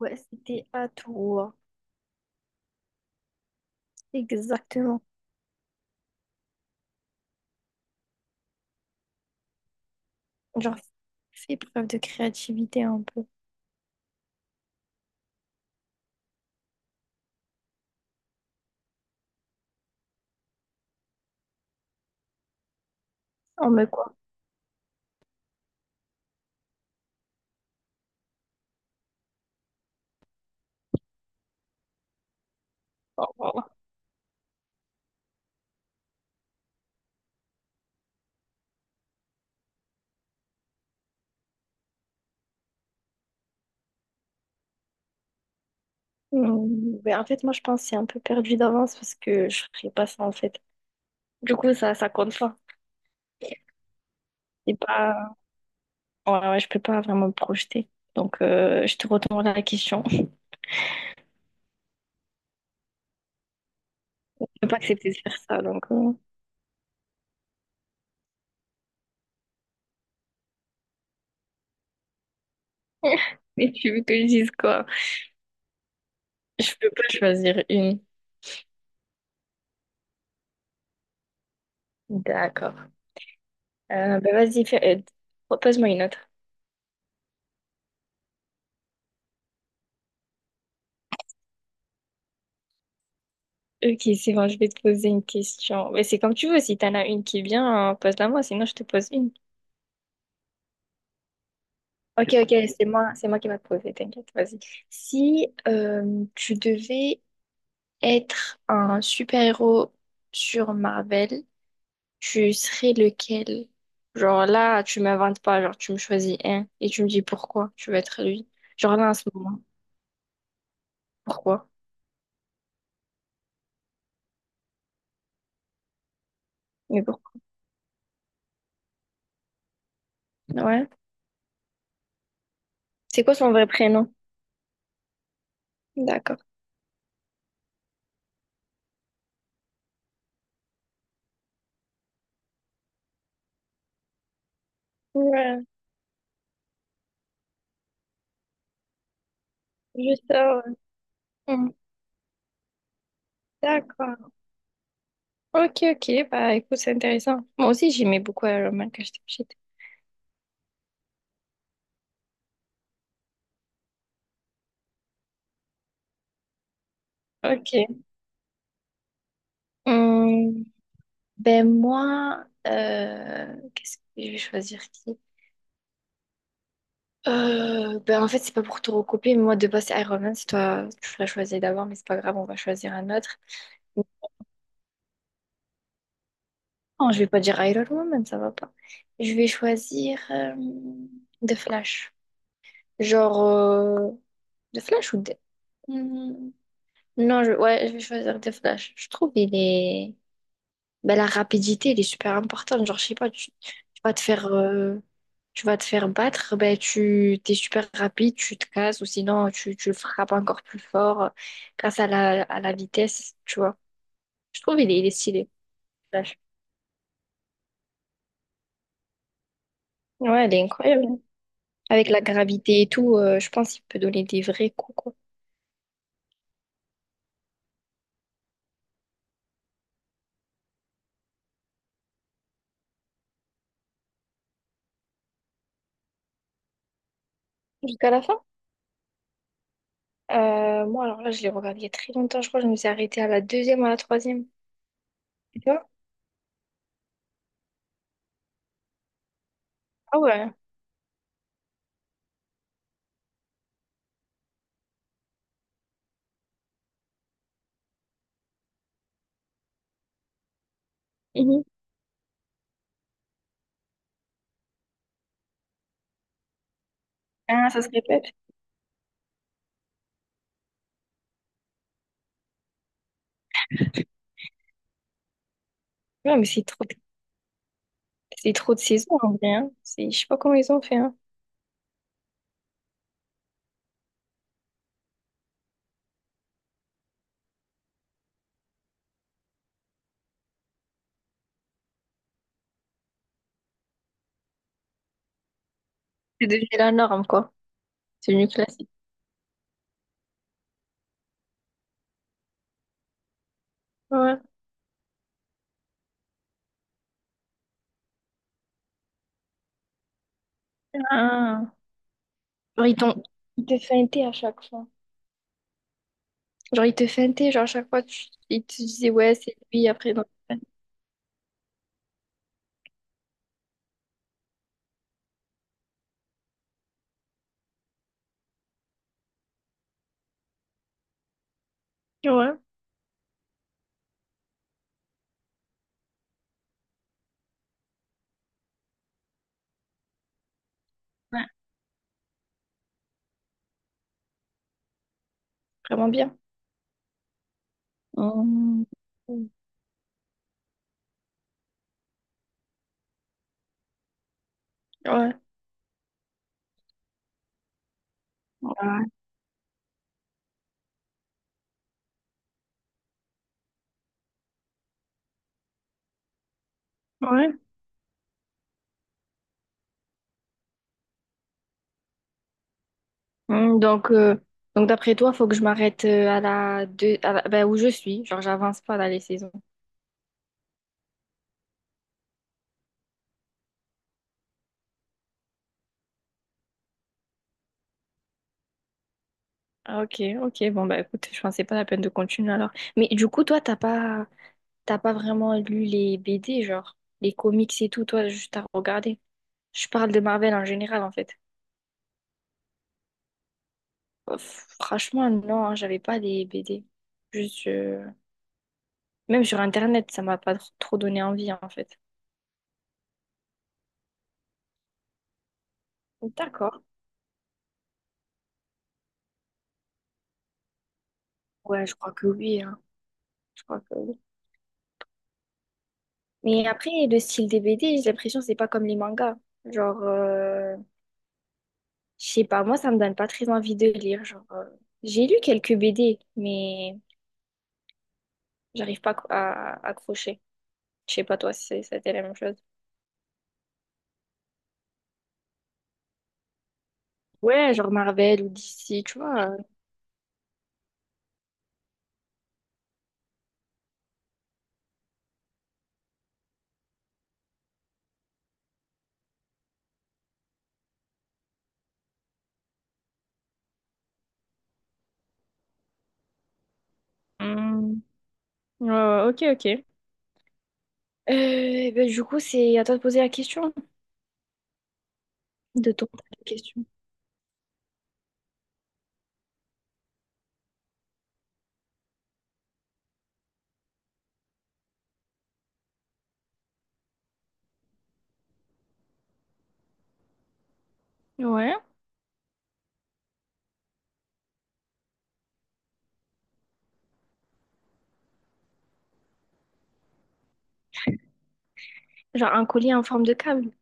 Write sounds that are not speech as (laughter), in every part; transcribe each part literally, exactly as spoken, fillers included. Ouais, c'était à toi. Exactement. Genre, fais preuve de créativité un peu. En me quoi? Oh, voilà. Hmm, ben, en fait, moi, je pense que c'est un peu perdu d'avance parce que je ferais pas ça, en fait. Du coup, ça, ça compte pas. C'est pas... Ouais, ouais, je peux pas vraiment me projeter. Donc, euh, je te retourne la question. (laughs) Je peux pas accepter de faire ça, donc... euh. (laughs) Mais tu veux que je dise quoi? Je peux pas choisir une. D'accord. Euh, ben, vas-y, fais... euh, propose-moi une autre. Ok, c'est bon, je vais te poser une question. Mais c'est comme tu veux, si t'en as une qui est bien, euh, pose-la moi, sinon je te pose une. Ok, ok, c'est moi, c'est moi qui vais te poser, t'inquiète, vas-y. Si euh, tu devais être un super-héros sur Marvel, tu serais lequel? Genre là, tu m'inventes pas, genre tu me choisis un et tu me dis pourquoi tu veux être lui. Genre là, en ce moment, pourquoi? Mais pourquoi? Ouais. C'est quoi son vrai prénom? D'accord. Ouais, juste ça, ouais. Hmm. D'accord. Ok, ok, bah écoute, c'est intéressant. Moi aussi, j'aimais beaucoup Iron Man quand j'étais petite. Ok. Hum, ben moi, euh, qu'est-ce que je vais choisir qui? Euh, ben en fait, c'est pas pour te recopier, mais moi de base, c'est Iron Man, c'est toi, tu l'as choisi d'abord, mais c'est pas grave, on va choisir un autre. Non, je vais pas dire Iron Woman, ça va pas. Je vais choisir euh, The Flash. Genre, euh, The Flash ou The... Hmm. Non, je... ouais, je vais choisir The Flash. Je trouve il est... ben, la rapidité, elle est super importante. Genre, je sais pas, tu, tu vas te faire, euh, tu vas te faire battre, ben, tu t'es super rapide, tu te casses, ou sinon tu, tu le frappes encore plus fort euh, grâce à la, à la vitesse, tu vois. Je trouve il est, il est stylé. Flash. Ouais, elle est incroyable, hein. Avec la gravité et tout, euh, je pense qu'il peut donner des vrais coups, quoi. Jusqu'à la fin. Euh, moi, alors là, je l'ai regardé il y a très longtemps, je crois. Que Je me suis arrêtée à la deuxième, à la troisième. Tu vois? Ah ouais. Mhm. Ah, ça se répète. Ouais, mais c'est trop. C'est trop de saisons en vrai, hein. C'est, je sais pas comment ils ont fait, hein. C'est devenu la norme, quoi. C'est devenu classique. Ouais. Ah. Genre, ils t'ont... Ils te feintaient à chaque fois. Genre, ils te feintaient, genre, à chaque fois, tu... ils te disaient, ouais, c'est lui, après, non. Ouais. Ouais. Vraiment bien. Mmh. Ouais. Ouais. Ouais. Mmh, donc, euh, donc d'après toi, faut que je m'arrête euh, à la deux, à la- ben, où je suis. Genre, j'avance pas dans les saisons. Ah, ok, ok. Bon, bah écoute, je pensais pas la peine de continuer alors. Mais du coup, toi, t'as pas, t'as pas vraiment lu les B D, genre les comics et tout, toi, juste à regarder. Je parle de Marvel en général, en fait. Euh, Franchement, non, hein, j'avais pas les B D. Juste, euh, même sur Internet, ça m'a pas tr- trop donné envie, hein, en fait. D'accord. Ouais, je crois que oui, hein. Je crois que oui. Mais après, le style des B D, j'ai l'impression que c'est pas comme les mangas. Genre, euh, je sais pas, moi, ça me donne pas très envie de lire. Genre, euh, j'ai lu quelques B D, mais j'arrive pas à à accrocher. Je sais pas, toi, si c'est- c'était la même chose. Ouais, genre Marvel ou D C, tu vois. Hmm. Ouais, ok, ok. Euh, ben, du coup, c'est à toi de poser la question, de tourner la question. Ouais. Genre un collier en forme de câble.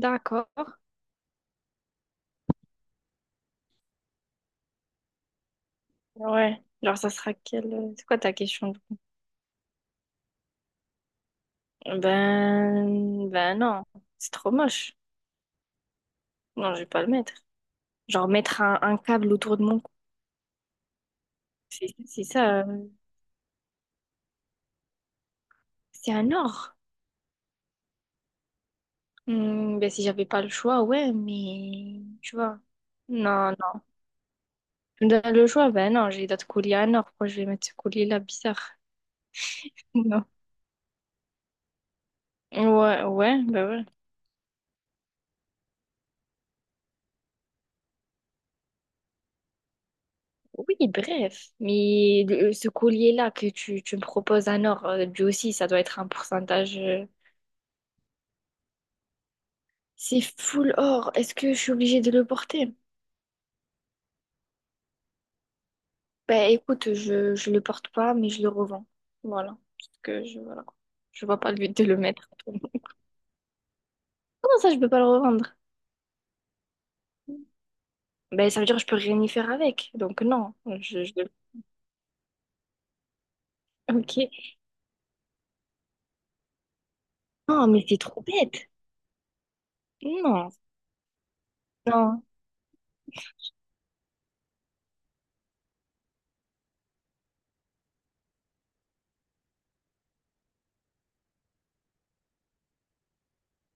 D'accord. Ouais. Genre, ça sera quelle... C'est quoi ta question? Du coup, ben... Ben non, c'est trop moche. Non, je vais pas le mettre. Genre mettre un, un câble autour de mon cou. C'est c'est ça. euh, C'est un or. Hmm, ben si j'avais pas le choix, ouais, mais... Tu vois. Non, dans le choix, ben non, j'ai d'autres colliers à nord. Pourquoi je vais mettre ce collier-là bizarre? (laughs) Non. Ouais, ouais, ben ouais. Oui, bref. Mais le- ce collier-là que tu, tu me proposes à nord, euh, lui aussi, ça doit être un pourcentage. euh, C'est full or. Est-ce que je suis obligée de le porter? Ben écoute, je, je le porte pas, mais je le revends. Voilà. Parce que je, voilà. Je vois pas le but de le mettre. (laughs) Comment ça, je peux pas le revendre? Ben ça veut dire que je peux rien y faire avec. Donc non, je... je- (laughs) Ok. Non, mais c'est trop bête. Non, non.